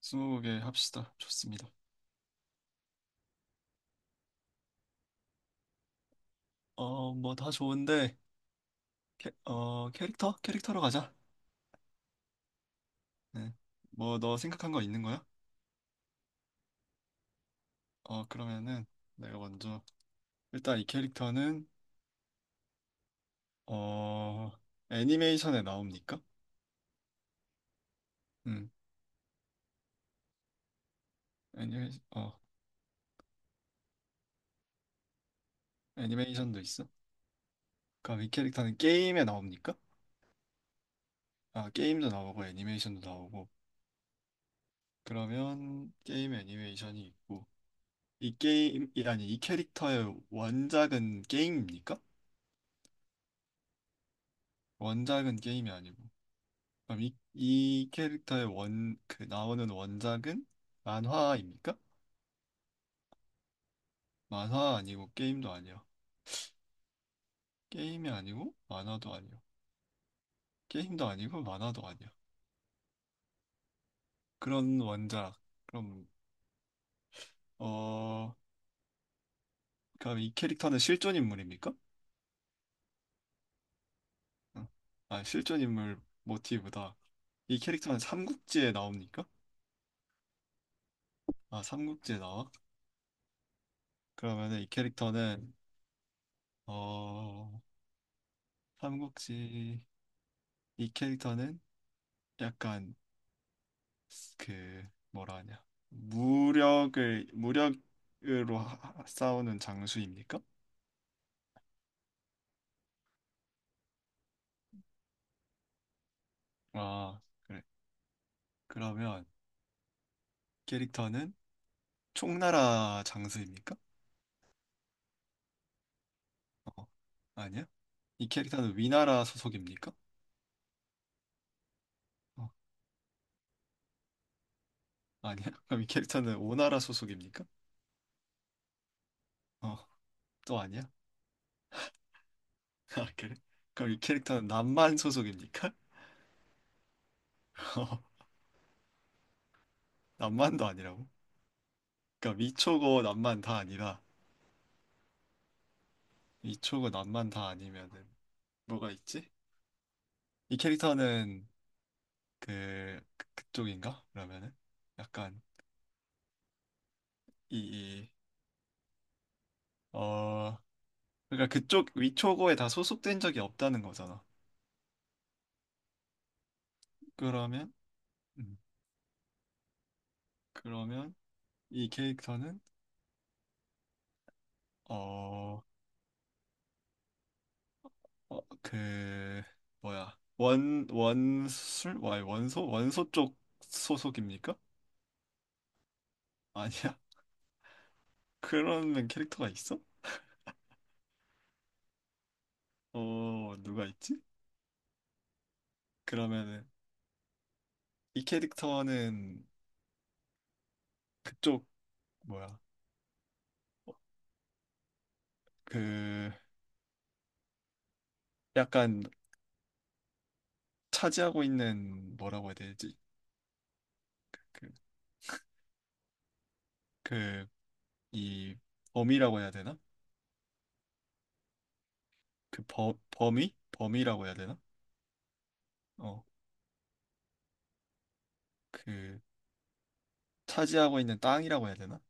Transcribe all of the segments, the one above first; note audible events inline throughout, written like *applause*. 스무 개 합시다. 좋습니다. 뭐 다 좋은데, 캐릭터? 캐릭터로 가자. 네. 뭐 너 생각한 거 있는 거야? 그러면은 내가 먼저 일단 이 캐릭터는 어, 애니메이션에 나옵니까? 음, 애니메이션, 어, 애니메이션도 있어? 그럼 이 캐릭터는 게임에 나옵니까? 아, 게임도 나오고 애니메이션도 나오고. 그러면 게임 애니메이션이 있고 이 게임, 이- 아니 이 캐릭터의 원작은 게임입니까? 원작은 게임이 아니고. 그럼 이 캐릭터의 그 나오는 원작은 만화입니까? 만화 아니고 게임도 아니야. 게임이 아니고 만화도 아니야. 게임도 아니고 만화도 아니야. 그런 원작. 그럼, 어, 그럼 이 캐릭터는 실존 인물입니까? 어. 아, 실존 인물 모티브다. 이 캐릭터는 삼국지에 나옵니까? 아, 삼국지에 나와? 그러면은 어, 삼국지, 이 캐릭터는 약간 그 뭐라 하냐 무력을 무력으로 싸우는 장수입니까? 아 그래. 그러면 캐릭터는 총나라 장수입니까? 어, 아니야. 이 캐릭터는 위나라 소속입니까? 어, 아니야. *laughs* 그럼 이 캐릭터는 오나라 소속입니까? 어, 또 아니야. *laughs* 아 그래, 그럼 이 캐릭터는 남만 소속입니까? *laughs* 어, 남만도 아니라고. 그러니까 위초고 남만 다 아니다. 위초고 남만 다 아니면은 뭐가 있지? 이 캐릭터는 그쪽인가? 그러면은 약간 이, 이, 어 그러니까 그쪽 위초고에 다 소속된 적이 없다는 거잖아. 그러면 음, 그러면 이 캐릭터는 어그 뭐야 원 원술 와 원소 쪽 소속입니까? 아니야. *laughs* 그러면 캐릭터가 있어? 어, 누가 있지? 그러면은 이 캐릭터는 그쪽 뭐야 그 약간 차지하고 있는 뭐라고 해야 되지? 그, 그, 이 범위라고 해야 되나? 그 범위? 범위라고 해야 되나? 어, 그 차지하고 있는 땅이라고 해야 되나?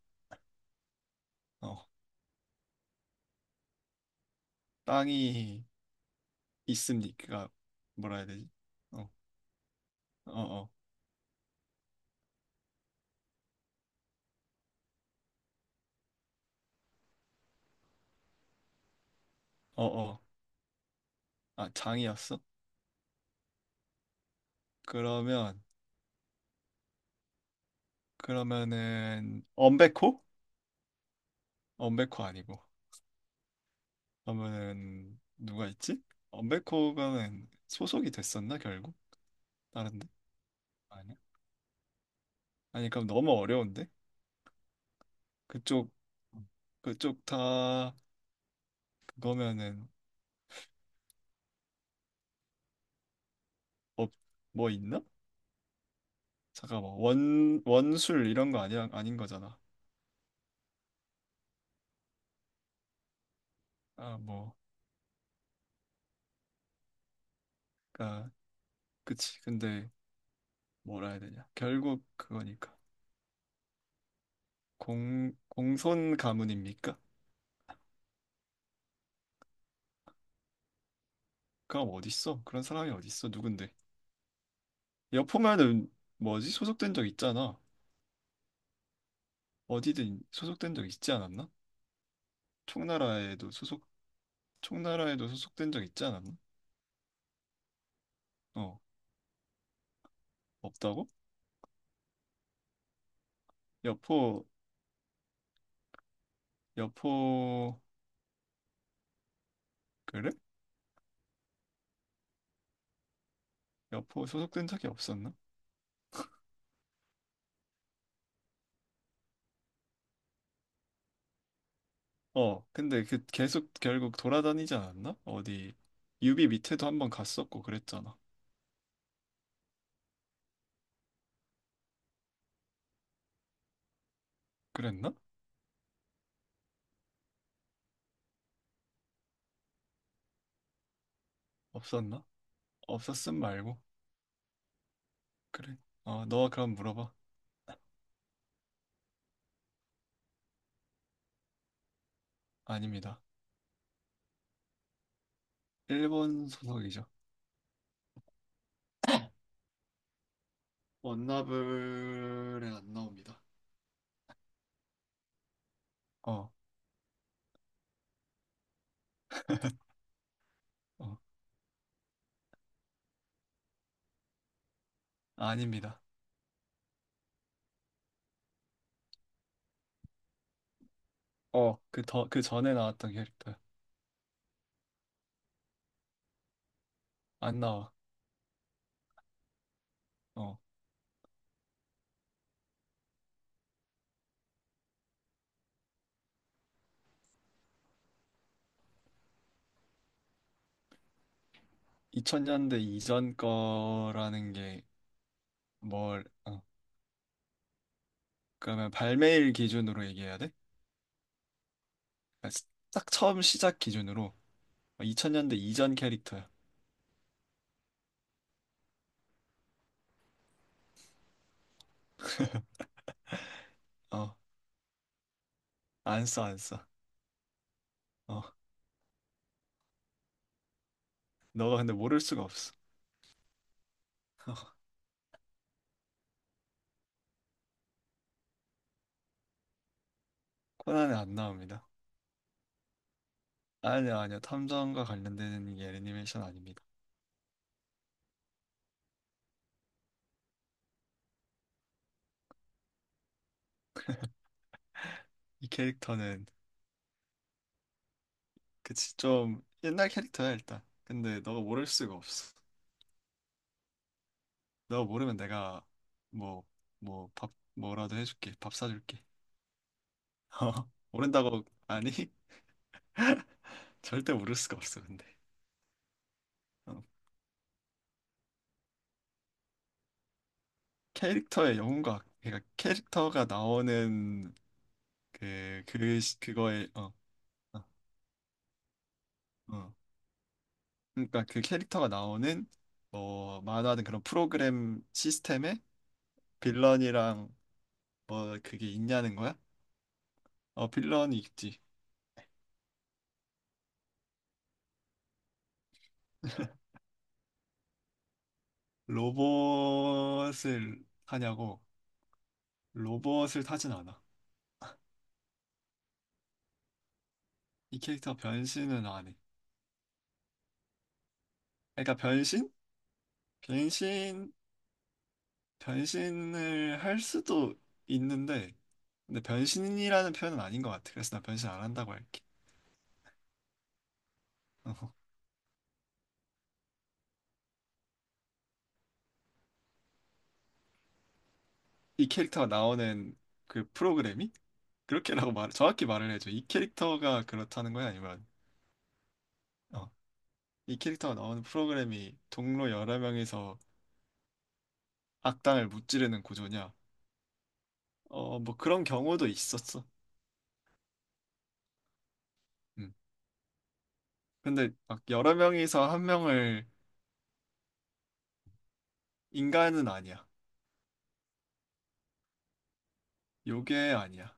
어, 땅이 있습니까? 뭐라 해야 되지? 어, 어, 어, 어, 어. 아, 장이었어? 그러면, 그러면은 엄베코? 엄베코 아니고. 그러면은 누가 있지? 엄베코가는 소속이 됐었나 결국? 다른데? 아니야? 아니 그럼 너무 어려운데? 그쪽 그쪽 다 그거면은 업 뭐 있나? 잠깐만 원 원술 이런 거 아니야 아닌 거잖아. 아 뭐 그니까 그치 근데 뭐라 해야 되냐 결국 그거니까 공 공손 가문입니까? 그럼 어딨어? 그런 사람이 어딨어? 누군데? 여포면은 뭐지 소속된 적 있잖아. 어디든 소속된 적 있지 않았나? 총나라에도 소속 총나라에도 소속된 적 있지 않았나? 어, 없다고? 여포 여포 그래? 여포 소속된 적이 없었나? 어, 근데 그 계속 결국 돌아다니지 않았나? 어디 유비 밑에도 한번 갔었고 그랬잖아. 그랬나? 없었나? 없었음 말고. 그래. 어, 너 그럼 물어봐. 아닙니다. 일본 소속이죠. 원나블에 안 나옵니다. 어, 어, 아닙니다. 그 전에 나왔던 캐릭터. 안 나와. 어, 2000년대 이전 거라는 게 뭘, 어, 그러면 발매일 기준으로 얘기해야 돼? 딱 처음 시작 기준으로 2000년대 이전 캐릭터야. 어, 안 써, 안 써. 어, 너가 근데 모를 수가 없어. 코난에 안 나옵니다. 아니야, 아니야. 탐정과 관련된 게 애니메이션 아닙니다. 이 캐릭터는 그치 좀 옛날 캐릭터야 일단. 근데 너가 모를 수가 없어. 너가 모르면 내가 뭐 뭐 밥 뭐라도 해줄게. 밥 사줄게. *laughs* 어, 모른다고 아니 *laughs* 절대 모를 수가 없어 근데. 어, 캐릭터의 영웅과 그러니까 캐릭터가 나오는 그거에어, 어. 그러니까 그 캐릭터가 나오는 뭐 만화든 그런 프로그램 시스템에 빌런이랑 뭐 그게 있냐는 거야? 어, 빌런이 있지. 로봇을 타냐고. 로봇을 타진 않아. 이 캐릭터 변신은 안 해. 그러니까 변신? 변신, 변신을 할 수도 있는데, 근데 변신이라는 표현은 아닌 것 같아. 그래서 나 변신 안 한다고 할게. *laughs* 이 캐릭터가 나오는 그 프로그램이 그렇게라고 정확히 말을 해줘. 이 캐릭터가 그렇다는 거야? 아니면, 어, 이 캐릭터가 나오는 프로그램이 동료 여러 명에서 악당을 무찌르는 구조냐? 뭐 그런 경우도 있었어. 음. 근데 막 여러 명에서 한 명을 인간은 아니야. 요게 아니야.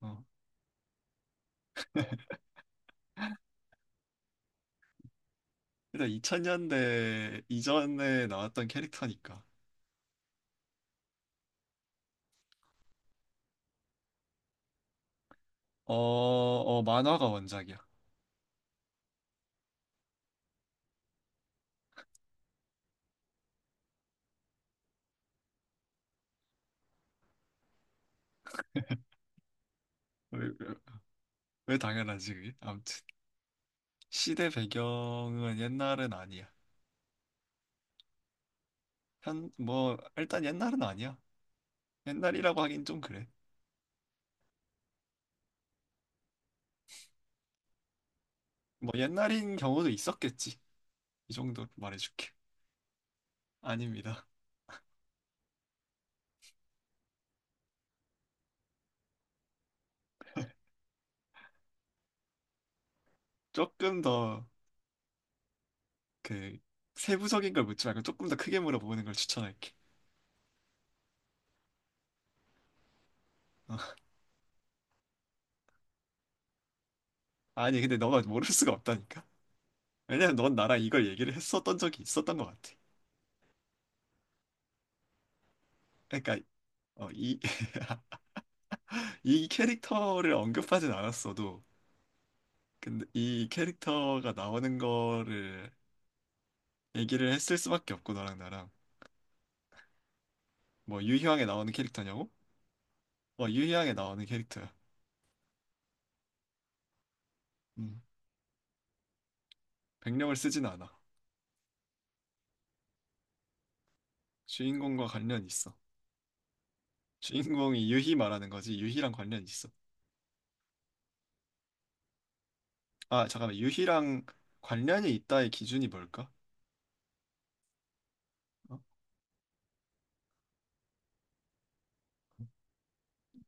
어. 일단 2000년대 이전에 나왔던 캐릭터니까. 만화가 원작이야. 왜, 왜, 왜 당연하지, 그게? 아무튼. 시대 배경은 옛날은 아니야. 뭐, 일단 옛날은 아니야. 옛날이라고 하긴 좀 그래. 뭐 옛날인 경우도 있었겠지. 이 정도로 말해줄게. 아닙니다. 조금 더 그 세부적인 걸 묻지 말고 조금 더 크게 물어보는 걸 추천할게. 어. 아니 근데 너가 모를 수가 없다니까. 왜냐면 넌 나랑 이걸 얘기를 했었던 적이 있었던 것 같아. 그러니까 어, 이, *laughs* 이 캐릭터를 언급하진 않았어도 근데 이 캐릭터가 나오는 거를 얘기를 했을 수밖에 없고 너랑 나랑 뭐 유희왕에 나오는 캐릭터냐고? 어, 유희왕에 나오는 캐릭터야. 음. 백령을 쓰진 않아. 주인공과 관련이 있어. 주인공이 유희 말하는 거지. 유희랑 관련이 있어. 아, 잠깐만. 유희랑 관련이 있다의 기준이 뭘까? 어?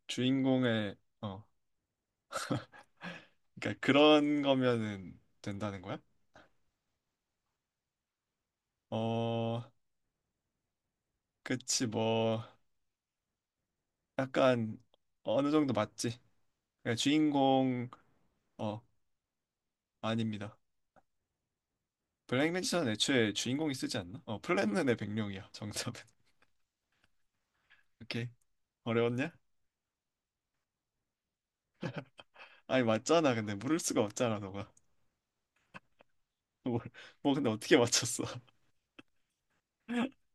주인공의 어, 그러니까 그런 거면은 된다는 거야? 어, 그치 뭐 약간 어느 정도 맞지. 그러니까 어, 아닙니다. 블랙 매지션 애초에 주인공이 쓰지 않나? 플랜은의 백령이야. 정답은. *laughs* 오케이. 어려웠냐? 아니 맞잖아. 근데 모를 수가 없잖아, 너가. 뭐, 근데 어떻게 맞췄어? *laughs*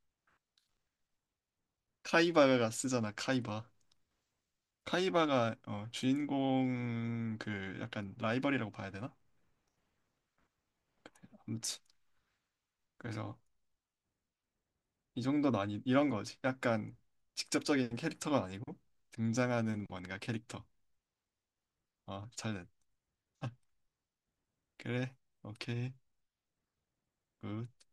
카이바가 쓰잖아, 카이바. 카이바가 주인공 그 약간 라이벌이라고 봐야 되나? 아무튼 그래서 이 정도는 아니 이런 거지. 약간 직접적인 캐릭터가 아니고 등장하는 뭔가 캐릭터. 아, 잘됐다. *laughs* 그래, 오케이, 굿.